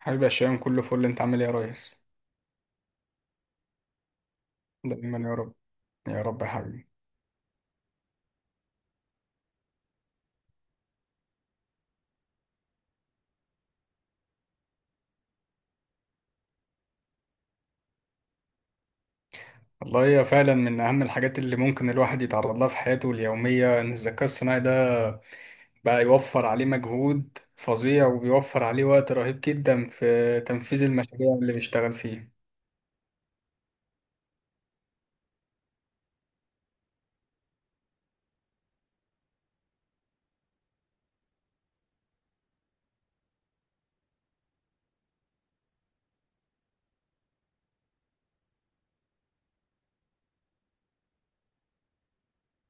حبيبي يا شيماء، كله فل، انت عامل ايه يا ريس؟ دايما يا رب. يا رب يا حبيبي. والله هي فعلا من اهم الحاجات اللي ممكن الواحد يتعرض لها في حياته اليوميه، ان الذكاء الصناعي ده بقى يوفر عليه مجهود فظيع، وبيوفر عليه وقت رهيب جدا في تنفيذ المشاريع اللي بيشتغل فيها.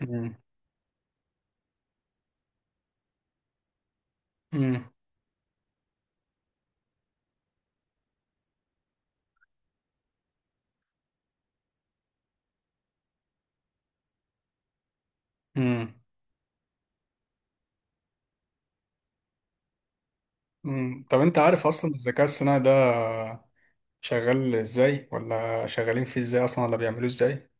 مم. مم. مم. مم. طب انت عارف اصلا الذكاء الصناعي ده شغال ازاي، ولا شغالين فيه ازاي اصلا، ولا بيعملوه ازاي؟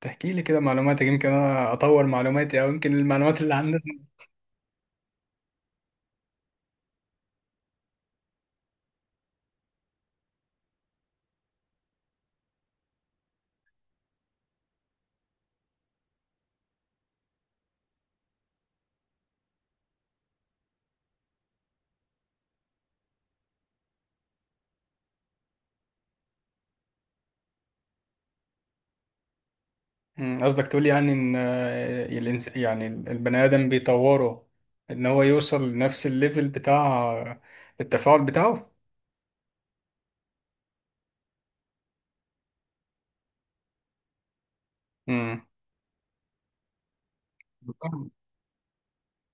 تحكي لي كده معلوماتك، يمكن انا اطور معلوماتي، او يمكن المعلومات اللي عندنا. مم، قصدك تقول يعني ان يعني البني ادم بيطوره، ان هو يوصل لنفس الليفل بتاع التفاعل بتاعه. مم.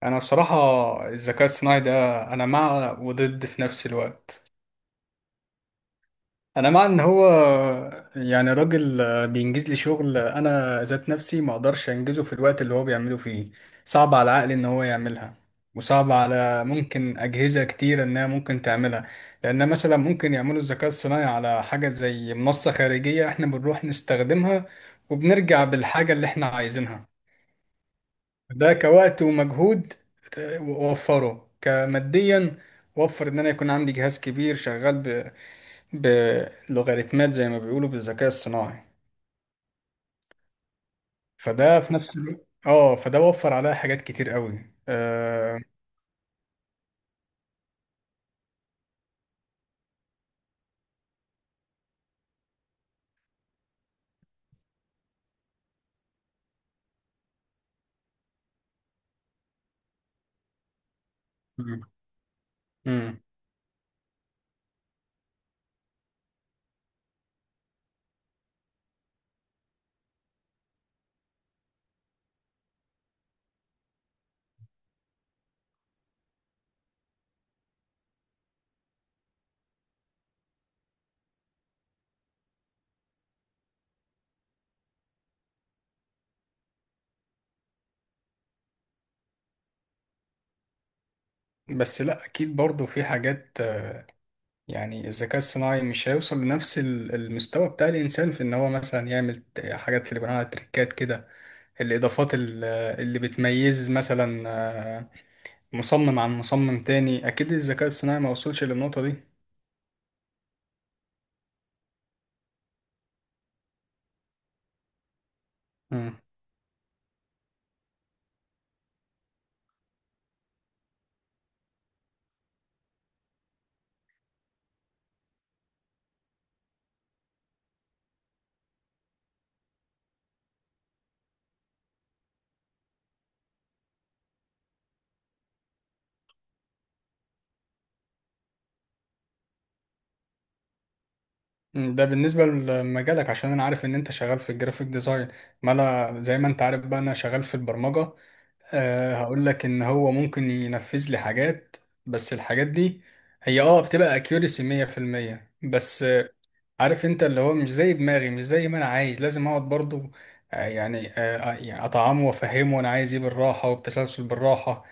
انا بصراحة الذكاء الصناعي ده انا مع وضد في نفس الوقت. انا مع ان هو يعني راجل بينجز لي شغل انا ذات نفسي ما اقدرش انجزه في الوقت اللي هو بيعمله فيه. صعب على عقلي ان هو يعملها، وصعب على ممكن اجهزه كتير انها ممكن تعملها. لان مثلا ممكن يعملوا الذكاء الصناعي على حاجه زي منصه خارجيه احنا بنروح نستخدمها، وبنرجع بالحاجه اللي احنا عايزينها. ده كوقت ومجهود وفره كماديا، وفر ان انا يكون عندي جهاز كبير شغال بلوغاريتمات زي ما بيقولوا بالذكاء الصناعي. فده في نفس الوقت اه، فده وفر عليها حاجات كتير قوي مم. مم. بس لا، اكيد برضو في حاجات، يعني الذكاء الصناعي مش هيوصل لنفس المستوى بتاع الانسان، في ان هو مثلا يعمل حاجات اللي بنقولها تريكات كده، الاضافات اللي بتميز مثلا مصمم عن مصمم تاني، اكيد الذكاء الصناعي ما وصلش للنقطة دي. مم، ده بالنسبة لمجالك عشان أنا عارف إن أنت شغال في الجرافيك ديزاين، ما أنا زي ما أنت عارف بقى أنا شغال في البرمجة. أه، هقول لك إن هو ممكن ينفذ لي حاجات، بس الحاجات دي هي أه بتبقى أكيوريسي 100%، بس عارف أنت اللي هو مش زي دماغي، مش زي ما أنا عايز، لازم أقعد برضو، يعني أطعمه وأفهمه أنا عايز إيه بالراحة، وبتسلسل بالراحة.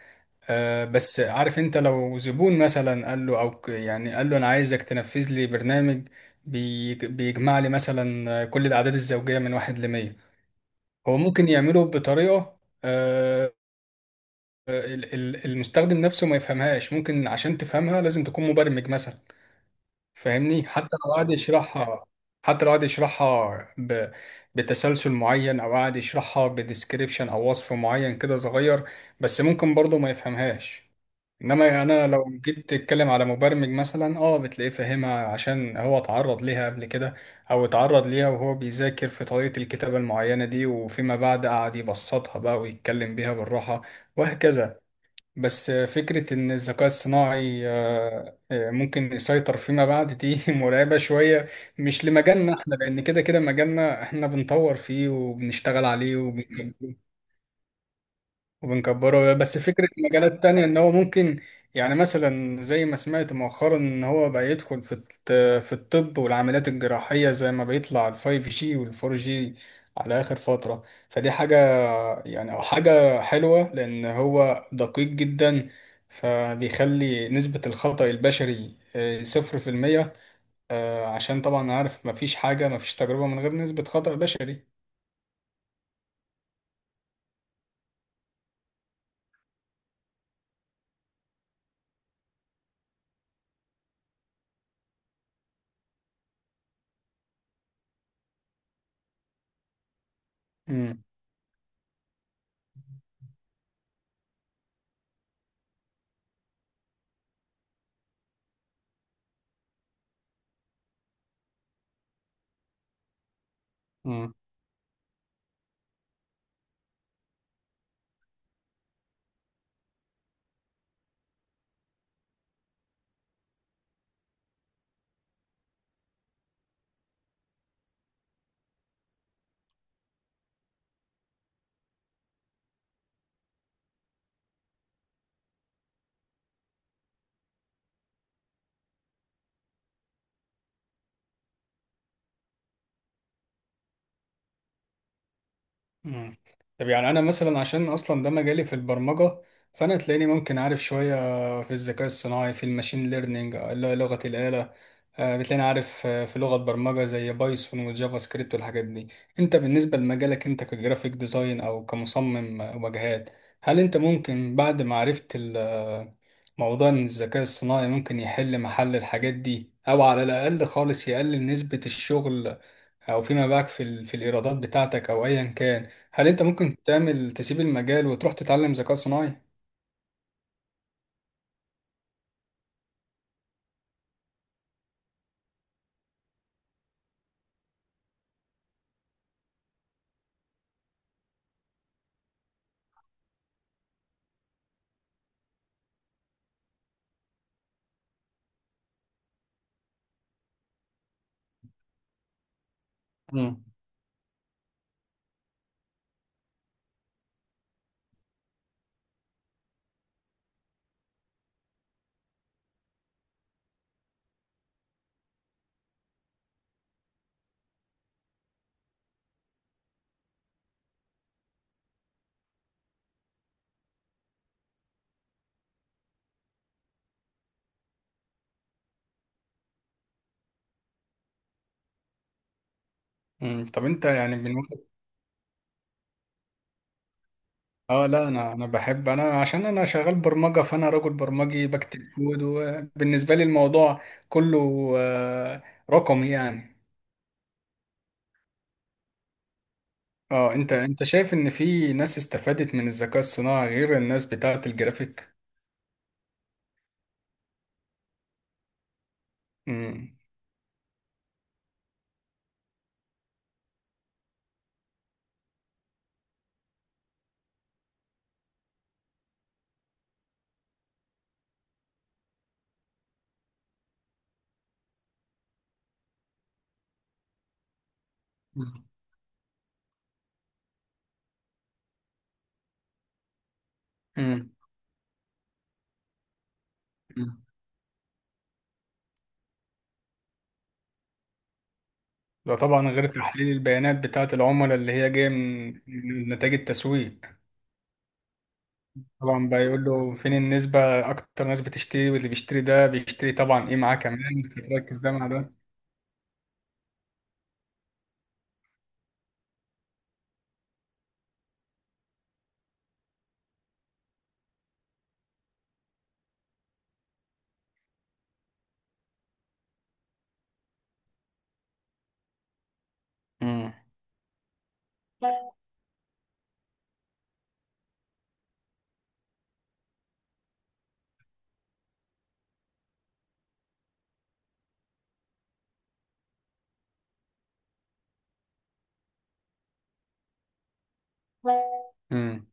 بس عارف انت لو زبون مثلا قال له، او يعني قال له انا عايزك تنفذ لي برنامج بيجمع لي مثلا كل الاعداد الزوجيه من واحد لمية. هو ممكن يعمله بطريقه، آه، المستخدم نفسه ما يفهمهاش، ممكن عشان تفهمها لازم تكون مبرمج مثلا. فاهمني، حتى لو قعد يشرحها بتسلسل معين، او قعد يشرحها بديسكريبشن او وصف معين كده صغير، بس ممكن برضه ما يفهمهاش. انما انا لو جيت تتكلم على مبرمج مثلا، اه بتلاقيه فاهمها عشان هو اتعرض ليها قبل كده، او اتعرض ليها وهو بيذاكر في طريقة الكتابة المعينة دي، وفيما بعد قعد يبسطها بقى ويتكلم بيها بالراحة، وهكذا. بس فكرة إن الذكاء الصناعي ممكن يسيطر فيما بعد دي مرعبة شوية. مش لمجالنا إحنا، لأن كده كده مجالنا إحنا بنطور فيه وبنشتغل عليه وبنكبره. بس فكرة مجالات تانية إن هو ممكن، يعني مثلا زي ما سمعت مؤخرا إن هو بقى يدخل في في الطب والعمليات الجراحية، زي ما بيطلع الـ5G والـ4G على آخر فترة. فدي حاجة، يعني أو حاجة حلوة لأن هو دقيق جدا، فبيخلي نسبة الخطأ البشري 0%. عشان طبعا عارف مفيش حاجة، مفيش تجربة من غير نسبة خطأ بشري. مم. مم. مم. طب يعني انا مثلا عشان اصلا ده مجالي في البرمجه، فانا تلاقيني ممكن عارف شويه في الذكاء الصناعي، في الماشين ليرنينج اللي هي لغه الاله. بتلاقيني عارف في لغه برمجه زي بايثون وجافا سكريبت والحاجات دي. انت بالنسبه لمجالك، انت كجرافيك ديزاين او كمصمم واجهات، هل انت ممكن بعد ما عرفت موضوع ان الذكاء الصناعي ممكن يحل محل الحاجات دي، او على الاقل خالص يقلل نسبه الشغل، او فيما باعك في في الايرادات بتاعتك او ايا كان، هل انت ممكن تعمل تسيب المجال وتروح تتعلم ذكاء صناعي؟ مم. مم. طب انت يعني من وقت. اه لا، انا بحب، انا عشان انا شغال برمجه، فانا راجل برمجي بكتب كود، وبالنسبه لي الموضوع كله آه، رقمي يعني. اه، انت شايف ان في ناس استفادت من الذكاء الصناعي غير الناس بتاعه الجرافيك؟ امم. مم. امم. ده طبعا غير تحليل البيانات بتاعه العملاء اللي هي جايه من نتائج التسويق. طبعا بقى يقول له فين النسبة أكتر ناس بتشتري، واللي بيشتري ده بيشتري طبعا إيه معاه كمان، فتركز ده مع ده. امم. امم.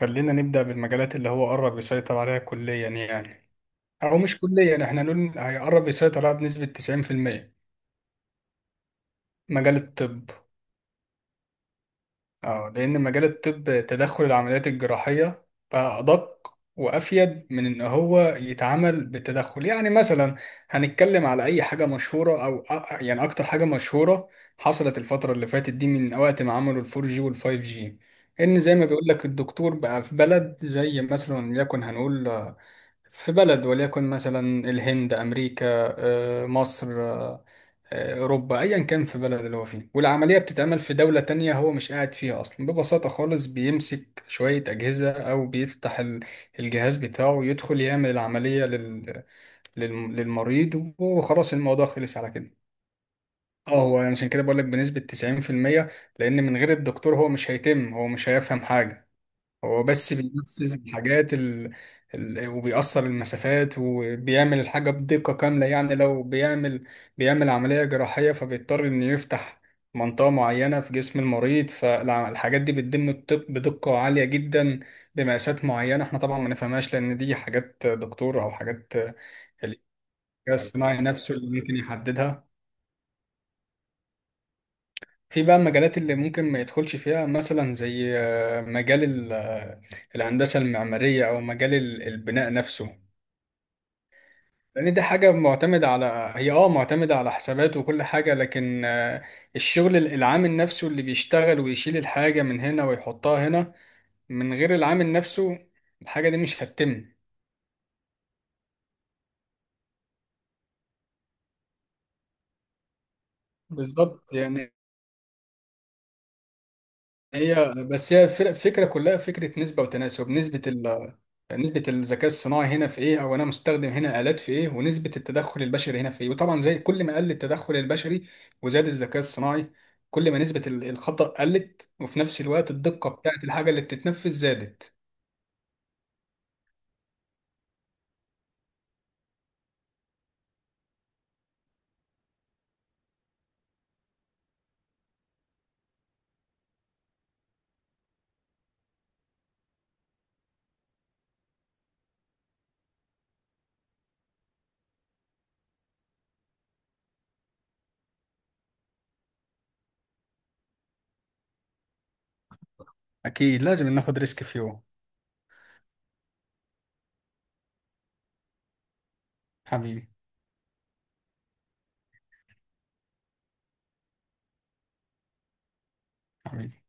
خلينا نبدأ بالمجالات اللي هو قرب يسيطر عليها كليا، يعني أو مش كليا، إحنا نقول هيقرب يسيطر عليها بنسبة 90%. مجال الطب، اه، لأن مجال الطب تدخل العمليات الجراحية بقى أدق وأفيد من إن هو يتعامل بالتدخل، يعني مثلا هنتكلم على أي حاجة مشهورة، أو يعني أكتر حاجة مشهورة حصلت الفترة اللي فاتت دي، من وقت ما عملوا الـ4G والـ5G. إن زي ما بيقول لك الدكتور بقى في بلد زي مثلا، وليكن هنقول في بلد، وليكن مثلا الهند، أمريكا، مصر، اوروبا، ايا كان، في بلد اللي هو فيه، والعمليه بتتعمل في دوله تانية هو مش قاعد فيها اصلا، ببساطه خالص بيمسك شويه اجهزه او بيفتح الجهاز بتاعه، ويدخل يعمل العمليه لل... للمريض، وخلاص الموضوع خلص على كده. اه، هو عشان كده بقول لك بنسبه 90%، لان من غير الدكتور هو مش هيتم، هو مش هيفهم حاجه، هو بس بينفذ الحاجات وبيقصر المسافات، وبيعمل الحاجة بدقة كاملة. يعني لو بيعمل عملية جراحية فبيضطر إنه يفتح منطقة معينة في جسم المريض، فالحاجات دي بتتم الطب بدقة عالية جدا، بمقاسات معينة احنا طبعا ما نفهمهاش، لأن دي حاجات دكتور أو حاجات الذكاء الصناعي نفسه اللي ممكن يحددها. في بقى المجالات اللي ممكن ما يدخلش فيها، مثلا زي مجال الهندسة المعمارية، أو مجال البناء نفسه. لأن دي حاجة معتمدة على، هي اه معتمدة على حسابات وكل حاجة، لكن الشغل العامل نفسه اللي بيشتغل ويشيل الحاجة من هنا ويحطها هنا، من غير العامل نفسه الحاجة دي مش هتتم. بالظبط يعني، هي بس هي الفكره كلها فكره نسبه وتناسب، نسبه ال نسبة الذكاء الصناعي هنا في ايه، او انا مستخدم هنا آلات في ايه، ونسبة التدخل البشري هنا في ايه، وطبعا زي كل ما قل التدخل البشري وزاد الذكاء الصناعي، كل ما نسبة الخطأ قلت، وفي نفس الوقت الدقة بتاعت الحاجة اللي بتتنفذ زادت. أكيد لازم ناخد ريسك في يوم. حبيبي. حبيبي.